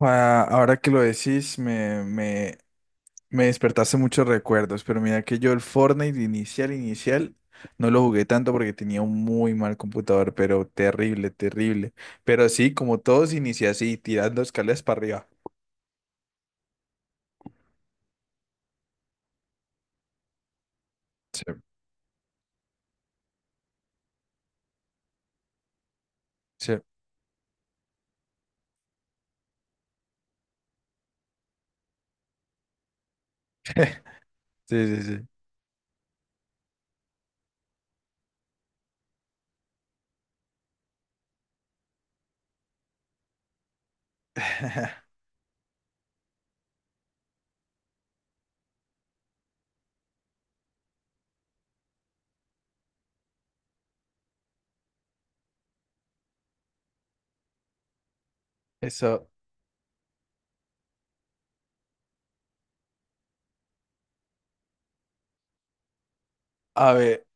Ah, ahora que lo decís, me despertaste muchos recuerdos, pero mira que yo el Fortnite inicial, inicial, no lo jugué tanto porque tenía un muy mal computador, pero terrible, terrible. Pero sí, como todos, inicié así, tirando escaleras para arriba. Sí, sí. Sí, sí, sí. Eso, a ver,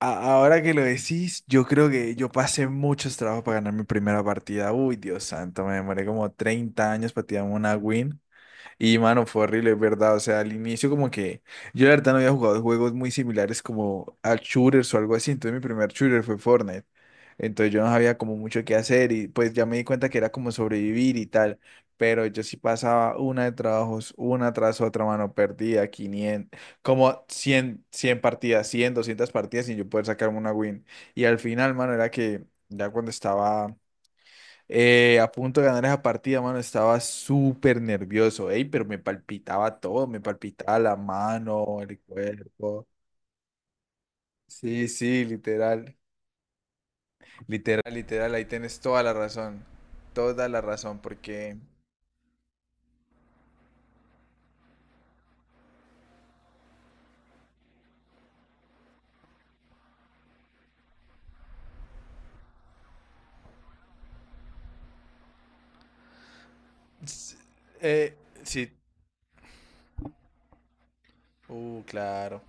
ahora que lo decís, yo creo que yo pasé muchos trabajos para ganar mi primera partida. Uy, Dios santo, me demoré como 30 años para tirarme una win. Y mano, fue horrible, es verdad. O sea, al inicio como que yo la verdad no había jugado juegos muy similares como a shooters o algo así. Entonces mi primer shooter fue Fortnite. Entonces yo no sabía como mucho qué hacer y pues ya me di cuenta que era como sobrevivir y tal. Pero yo sí pasaba una de trabajos, una tras otra, mano, perdía 500, como 100 100 partidas, 100 200 partidas sin yo poder sacarme una win. Y al final, mano, era que ya cuando estaba... a punto de ganar esa partida, mano, estaba súper nervioso, ey, pero me palpitaba todo, me palpitaba la mano, el cuerpo. Sí, sí, literal, literal, literal, ahí tienes toda la razón, porque... s- Eh, sí, claro.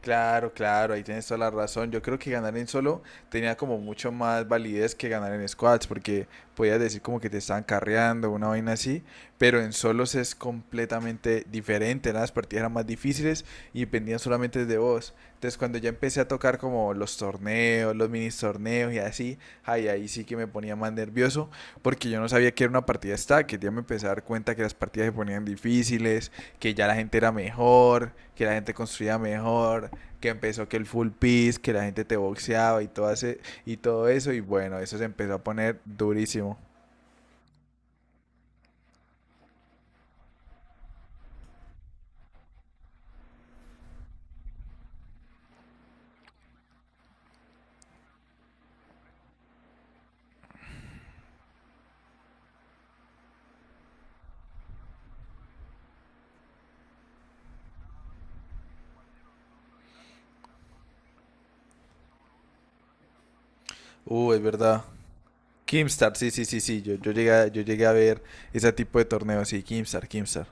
Claro, claro, ahí tienes toda la razón. Yo creo que ganar en solo tenía como mucho más validez que ganar en squads, porque podías decir como que te estaban carreando, una vaina así, pero en solos es completamente diferente, las partidas eran más difíciles y dependían solamente de vos. Entonces cuando ya empecé a tocar como los torneos, los mini torneos y así, ay, ahí sí que me ponía más nervioso, porque yo no sabía que era una partida stack, que ya me empecé a dar cuenta que las partidas se ponían difíciles, que ya la gente era mejor, que la gente construía mejor que empezó que el full piece, que la gente te boxeaba y todo, y todo eso, y bueno, eso se empezó a poner durísimo. Es verdad. Kimstar, sí, sí, sí, sí, yo llegué a ver ese tipo de torneos, sí, Kimstar, Kimstar.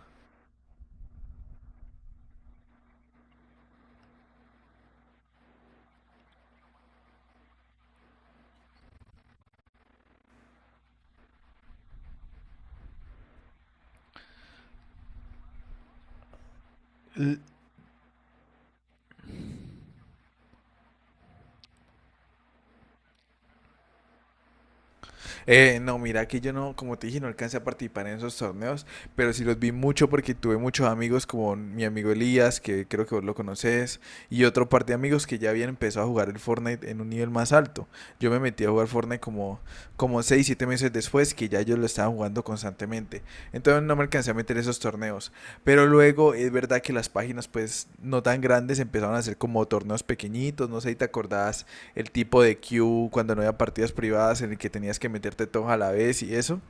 No, mira que yo no, como te dije, no alcancé a participar en esos torneos, pero sí los vi mucho porque tuve muchos amigos como mi amigo Elías, que creo que vos lo conoces, y otro par de amigos que ya habían empezado a jugar el Fortnite en un nivel más alto. Yo me metí a jugar Fortnite como, como 6 7 meses después que ya yo lo estaba jugando constantemente. Entonces no me alcancé a meter esos torneos. Pero luego es verdad que las páginas pues no tan grandes empezaron a hacer como torneos pequeñitos, no sé si te acordás el tipo de queue cuando no había partidas privadas en el que tenías que meterte todos a la vez y eso.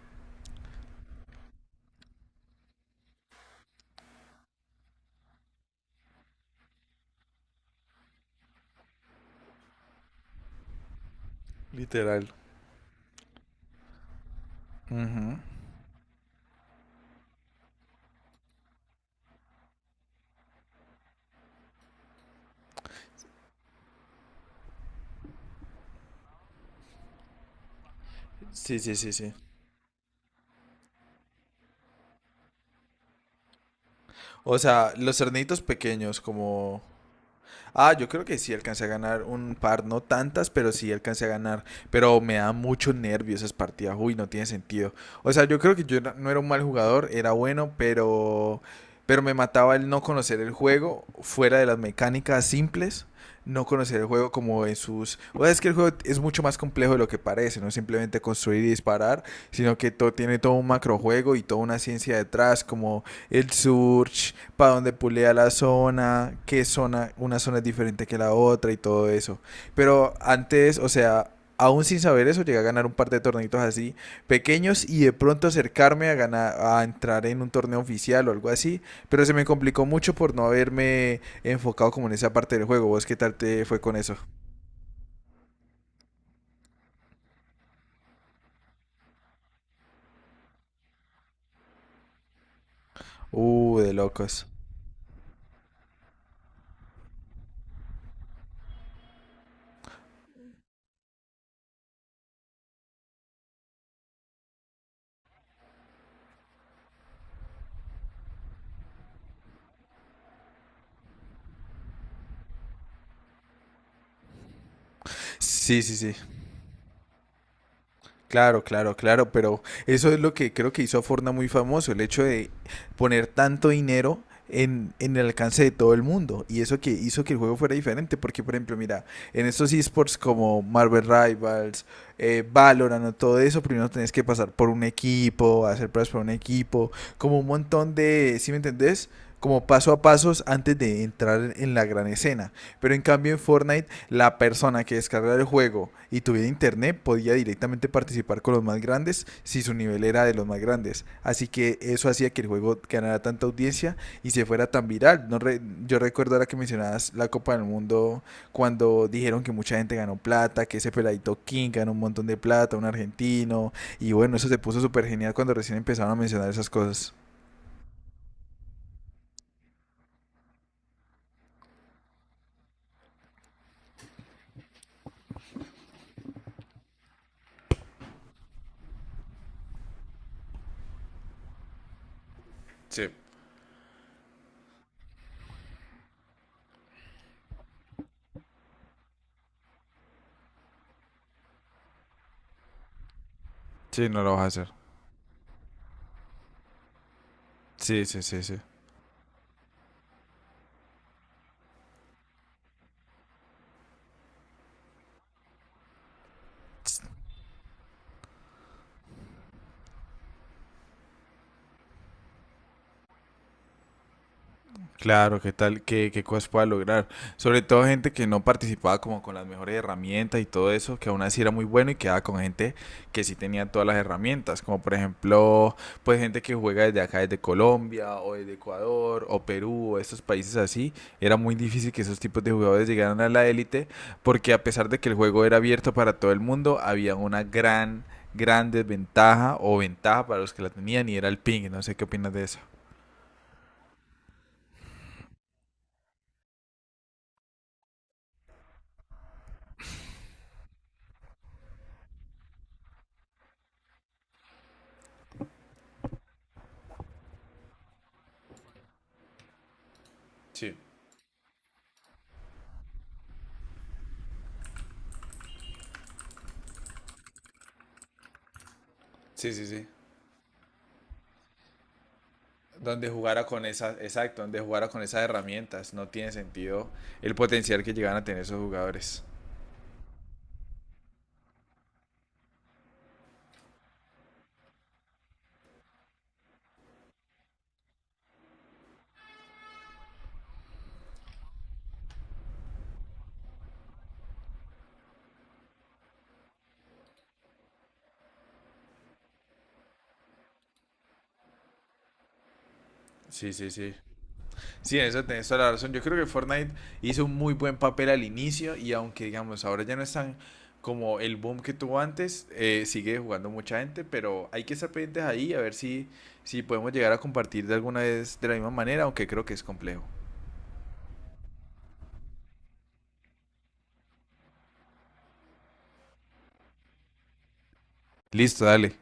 Literal. Ujú. Sí, sí, sí, sí. O sea, los cernitos pequeños como Ah, yo creo que sí alcancé a ganar un par, no tantas, pero sí alcancé a ganar. Pero me da mucho nervio esas partidas. Uy, no tiene sentido. O sea, yo creo que yo no era un mal jugador, era bueno, pero me mataba el no conocer el juego fuera de las mecánicas simples. No conocer el juego como en sus... O sea, es que el juego es mucho más complejo de lo que parece, no simplemente construir y disparar, sino que tiene todo un macrojuego y toda una ciencia detrás, como el surge para dónde pulea la zona, qué zona, una zona es diferente que la otra y todo eso. Pero antes, o sea, aún sin saber eso, llegué a ganar un par de torneitos así pequeños y de pronto acercarme a ganar, a entrar en un torneo oficial o algo así, pero se me complicó mucho por no haberme enfocado como en esa parte del juego. ¿Vos qué tal te fue con eso? De locos. Sí, sí, sí. Claro, claro, claro, pero eso es lo que creo que hizo a Fortnite muy famoso, el hecho de poner tanto dinero en el alcance de todo el mundo. Y eso que hizo que el juego fuera diferente, porque por ejemplo, mira, en estos esports como Marvel Rivals, Valorant o todo eso, primero tenés que pasar por un equipo, hacer pruebas por un equipo, como un montón de, ¿sí me entendés? Como paso a pasos antes de entrar en la gran escena. Pero en cambio en Fortnite la persona que descargara el juego y tuviera internet podía directamente participar con los más grandes si su nivel era de los más grandes. Así que eso hacía que el juego ganara tanta audiencia y se fuera tan viral. No, yo recuerdo ahora que mencionabas la Copa del Mundo cuando dijeron que mucha gente ganó plata, que ese peladito King ganó un montón de plata, un argentino. Y bueno, eso se puso súper genial cuando recién empezaron a mencionar esas cosas. Sí, no lo vas a hacer. Sí, sí, sí, sí. Claro, qué tal, qué cosas pueda lograr. Sobre todo gente que no participaba como con las mejores herramientas y todo eso, que aún así era muy bueno y quedaba con gente que sí tenía todas las herramientas, como por ejemplo, pues gente que juega desde acá, desde Colombia o desde Ecuador o Perú o estos países así. Era muy difícil que esos tipos de jugadores llegaran a la élite porque a pesar de que el juego era abierto para todo el mundo, había una gran, gran desventaja o ventaja para los que la tenían y era el ping. No sé qué opinas de eso. Sí, sí, sí, sí. Donde jugara con esas, exacto, donde jugara con esas herramientas. No tiene sentido el potencial que llegan a tener esos jugadores. Sí, sí, sí. Sí, en eso tenés toda la razón. Yo creo que Fortnite hizo un muy buen papel al inicio y aunque digamos ahora ya no están como el boom que tuvo antes, sigue jugando mucha gente, pero hay que estar pendientes ahí a ver si podemos llegar a compartir de alguna vez de la misma manera, aunque creo que es complejo. Listo, dale.